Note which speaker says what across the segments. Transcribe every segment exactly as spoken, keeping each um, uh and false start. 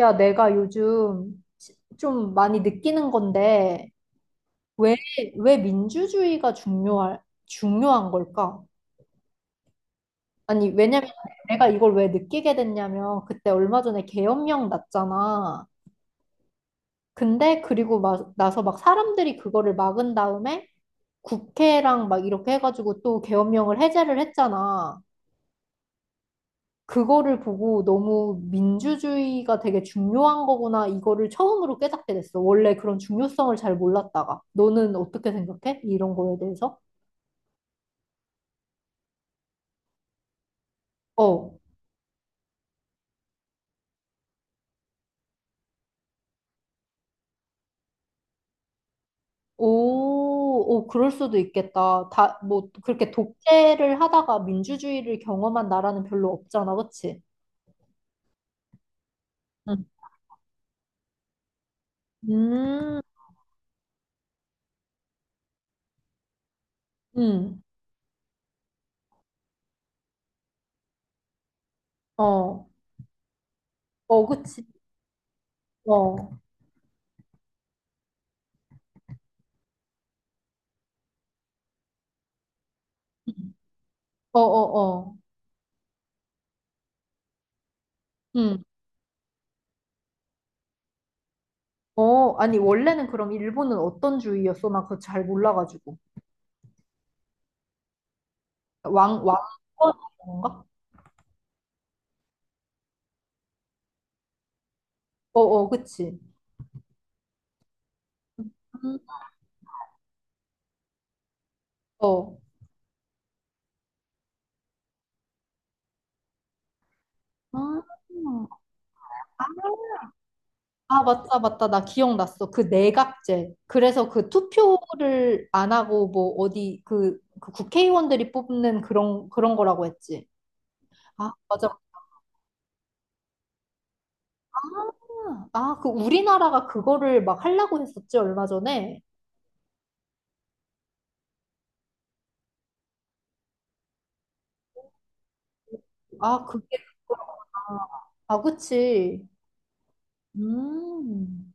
Speaker 1: 야, 내가 요즘 시- 좀 많이 느끼는 건데, 왜, 왜 민주주의가 중요할, 중요한 걸까? 아니, 왜냐면 내가 이걸 왜 느끼게 됐냐면, 그때 얼마 전에 계엄령 났잖아. 근데 그리고 막, 나서 막 사람들이 그거를 막은 다음에 국회랑 막 이렇게 해가지고 또 계엄령을 해제를 했잖아. 그거를 보고 너무 민주주의가 되게 중요한 거구나, 이거를 처음으로 깨닫게 됐어. 원래 그런 중요성을 잘 몰랐다가. 너는 어떻게 생각해? 이런 거에 대해서? 어. 오, 오, 그럴 수도 있겠다. 다, 뭐, 그렇게 독재를 하다가 민주주의를 경험한 나라는 별로 없잖아, 그치? 응. 음, 음, 어, 어, 그치. 어, 음. 어, 어, 어. 음. 어, 아니, 원래는 그럼 일본은 어떤 주의였어? 나 그거 잘 몰라가지고. 왕, 왕, 그가 어, 어, 그치. 음, 어. 아, 아, 맞다, 맞다. 나 기억났어. 그 내각제. 그래서 그 투표를 안 하고, 뭐, 어디, 그, 그 국회의원들이 뽑는 그런, 그런 거라고 했지. 아, 맞아. 아, 아, 그 우리나라가 그거를 막 하려고 했었지, 얼마 전에. 아, 그게, 그거 아, 그치. 음.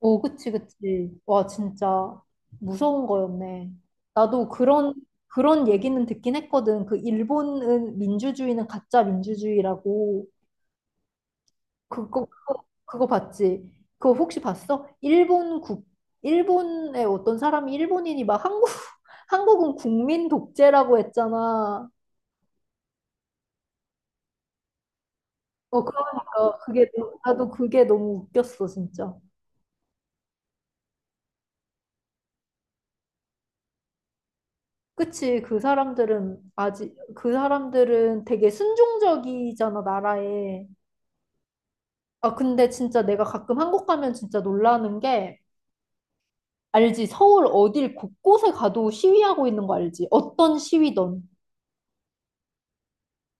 Speaker 1: 오, 그치, 그치. 와, 진짜 무서운 거였네. 나도 그런, 그런 얘기는 듣긴 했거든. 그 일본은 민주주의는 가짜 민주주의라고. 그거, 그거, 그거 봤지? 그거 혹시 봤어? 일본 국, 일본의 어떤 사람이 일본인이 막 한국, 한국은 국민 독재라고 했잖아. 어, 그러니까 그게, 나도 그게 너무 웃겼어, 진짜. 그치, 그 사람들은 아직, 그 사람들은 되게 순종적이잖아, 나라에. 아, 근데 진짜 내가 가끔 한국 가면 진짜 놀라는 게, 알지? 서울 어딜 곳곳에 가도 시위하고 있는 거 알지? 어떤 시위든,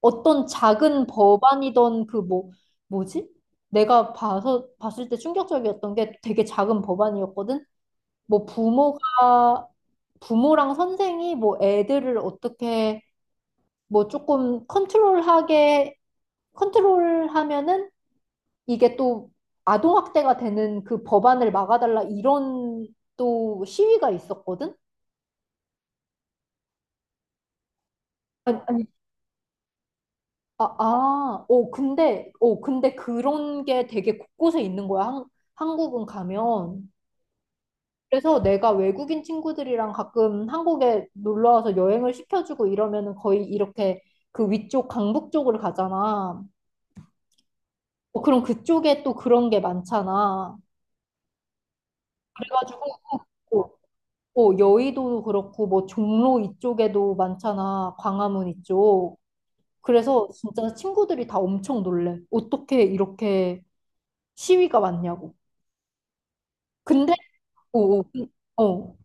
Speaker 1: 어떤 작은 법안이든 그 뭐, 뭐지? 내가 봐서, 봤을 때 충격적이었던 게 되게 작은 법안이었거든? 뭐 부모가, 부모랑 선생이 뭐 애들을 어떻게 뭐 조금 컨트롤하게 컨트롤하면은 이게 또 아동학대가 되는 그 법안을 막아달라 이런 또 시위가 있었거든? 아니, 아니, 아, 아, 어, 근데, 어, 근데 그런 게 되게 곳곳에 있는 거야, 한, 한국은 가면. 그래서 내가 외국인 친구들이랑 가끔 한국에 놀러 와서 여행을 시켜주고 이러면은 거의 이렇게 그 위쪽 강북 쪽을 가잖아. 어, 그럼 그쪽에 또 그런 게 많잖아. 그래가지고 뭐 어, 여의도도 그렇고, 뭐, 종로 이쪽에도 많잖아. 광화문 이쪽. 그래서 진짜 친구들이 다 엄청 놀래. 어떻게 이렇게 시위가 많냐고. 근데, 어, 어, 그- 어,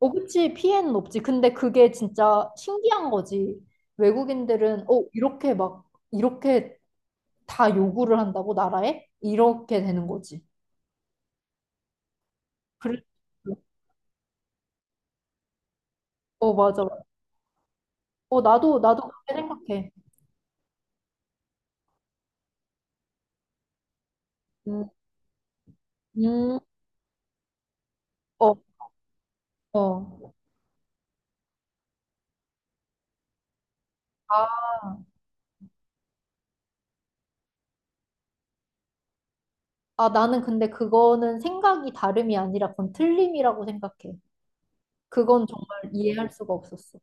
Speaker 1: 어, 그치. 피해는 없지. 근데 그게 진짜 신기한 거지. 외국인들은, 어, 이렇게 막, 이렇게 다 요구를 한다고, 나라에? 이렇게 되는 거지. 그래. 어, 맞아. 어, 나도, 나도 그렇게 생각해. 음, 음, 어, 어. 아, 아, 나는 근데 그거는 생각이 다름이 아니라 그건 틀림이라고 생각해. 그건 정말 이해할 수가 없었어.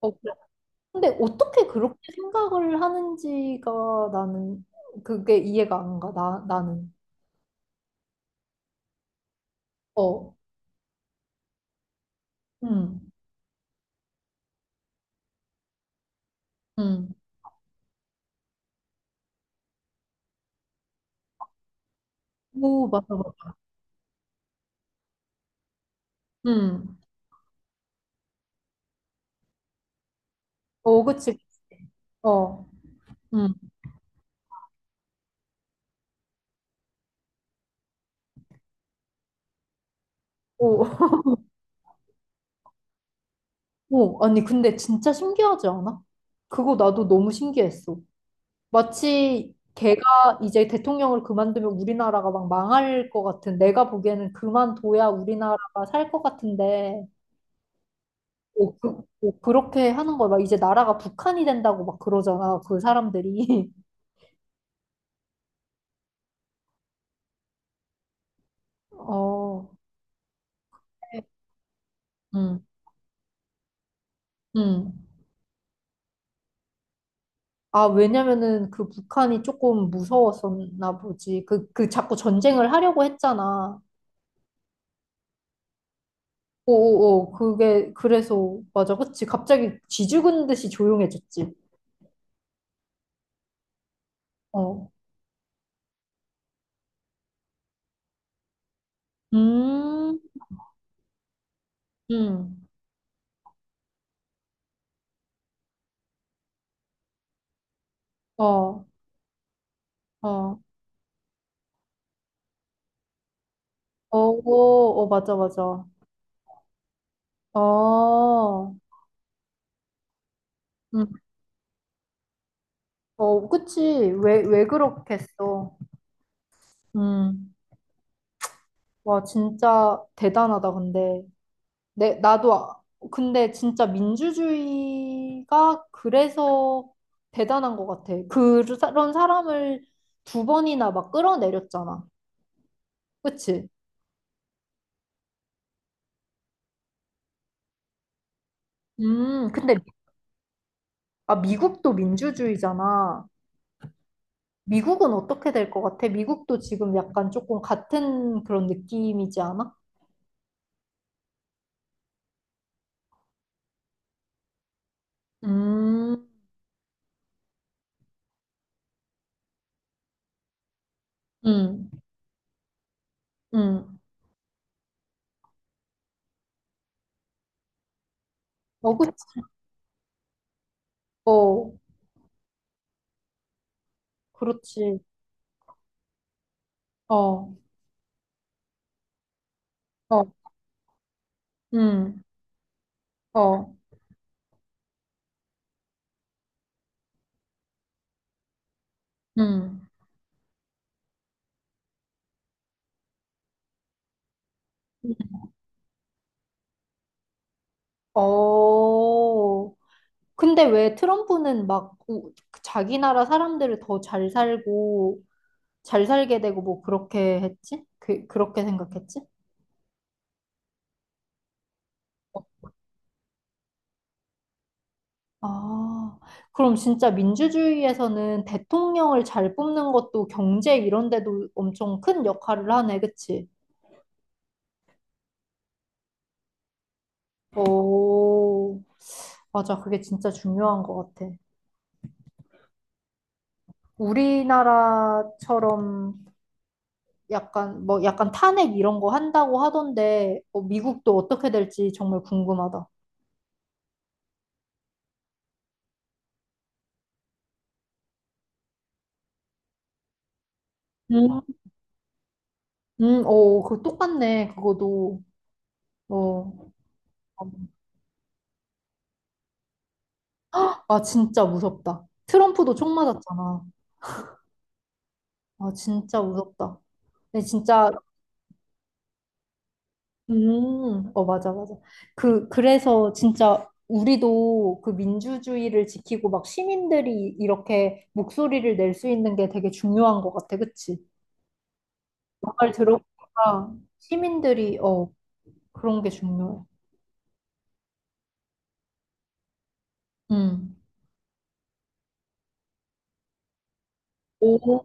Speaker 1: 어, 그래. 근데 어떻게 그렇게 생각을 하는지가 나는 그게 이해가 안 가. 나, 나는. 어. 음. 음. 오, 맞아, 맞아. 음. 어, 그치. 어. 음. 오. 오. 아니, 근데 진짜 신기하지 않아? 그거 나도 너무 신기했어. 마치 걔가 이제 대통령을 그만두면 우리나라가 막 망할 것 같은, 내가 보기에는 그만둬야 우리나라가 살 것 같은데, 뭐 그, 뭐 그렇게 하는 거야. 막 이제 나라가 북한이 된다고 막 그러잖아, 그 사람들이. 어, 응, 응. 아, 왜냐면은 그 북한이 조금 무서웠었나 보지. 그, 그 자꾸 전쟁을 하려고 했잖아. 오오오, 그게, 그래서, 맞아, 그치. 갑자기 쥐 죽은 듯이 조용해졌지. 어. 음. 응. 어, 어, 어, 어, 맞아, 맞아. 어, 응. 어, 그치. 왜, 왜 그렇겠어. 음. 와, 진짜 대단하다, 근데. 내, 나도, 아- 근데 진짜 민주주의가 그래서 대단한 것 같아. 그- 그런 사람을 두 번이나 막 끌어내렸잖아. 그치? 음, 근데, 아, 미국도 민주주의잖아. 미국은 어떻게 될 것 같아? 미국도 지금 약간 조금 같은 그런 느낌이지 않아? 음, 음, 음. 어, 그치. 어, 그렇지. 어, 어, 음, 어, 음. 어, 근데 왜 트럼프는 막 우- 그 자기 나라 사람들을 더 잘 살고 잘 살게 되고 뭐 그렇게 했지? 그, 그렇게 생각했지? 아, 그럼 진짜 민주주의에서는 대통령을 잘 뽑는 것도 경제 이런 데도 엄청 큰 역할을 하네, 그치? 오, 맞아. 그게 진짜 중요한 것 같아. 우리나라처럼 약간, 뭐, 약간 탄핵 이런 거 한다고 하던데, 어, 미국도 어떻게 될지 정말 궁금하다. 음, 음, 오, 그 똑같네, 그거도. 어, 아, 진짜 무섭다. 트럼프도 총 맞았잖아. 아, 진짜 무섭다. 근데 진짜 음, 어, 맞아, 맞아. 그, 그래서 진짜 우리도 그 민주주의를 지키고 막 시민들이 이렇게 목소리를 낼 수 있는 게 되게 중요한 것 같아. 그치? 말 들어보니까 시민들이, 어, 그런 게 중요해. 음.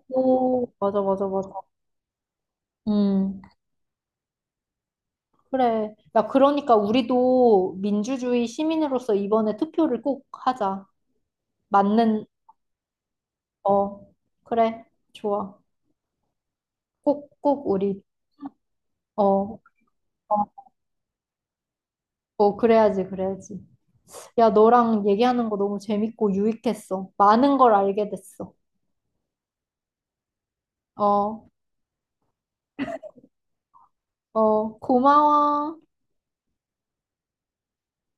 Speaker 1: 오, 맞아, 맞아, 맞아. 음, 그래. 야, 그러니까 우리도 민주주의 시민으로서 이번에 투표를 꼭 하자. 맞는, 어, 그래. 좋아. 꼭, 꼭 우리, 어. 어, 그래야지, 그래야지. 야, 너랑 얘기하는 거 너무 재밌고 유익했어. 많은 걸 알게 됐어. 어, 어, 고마워.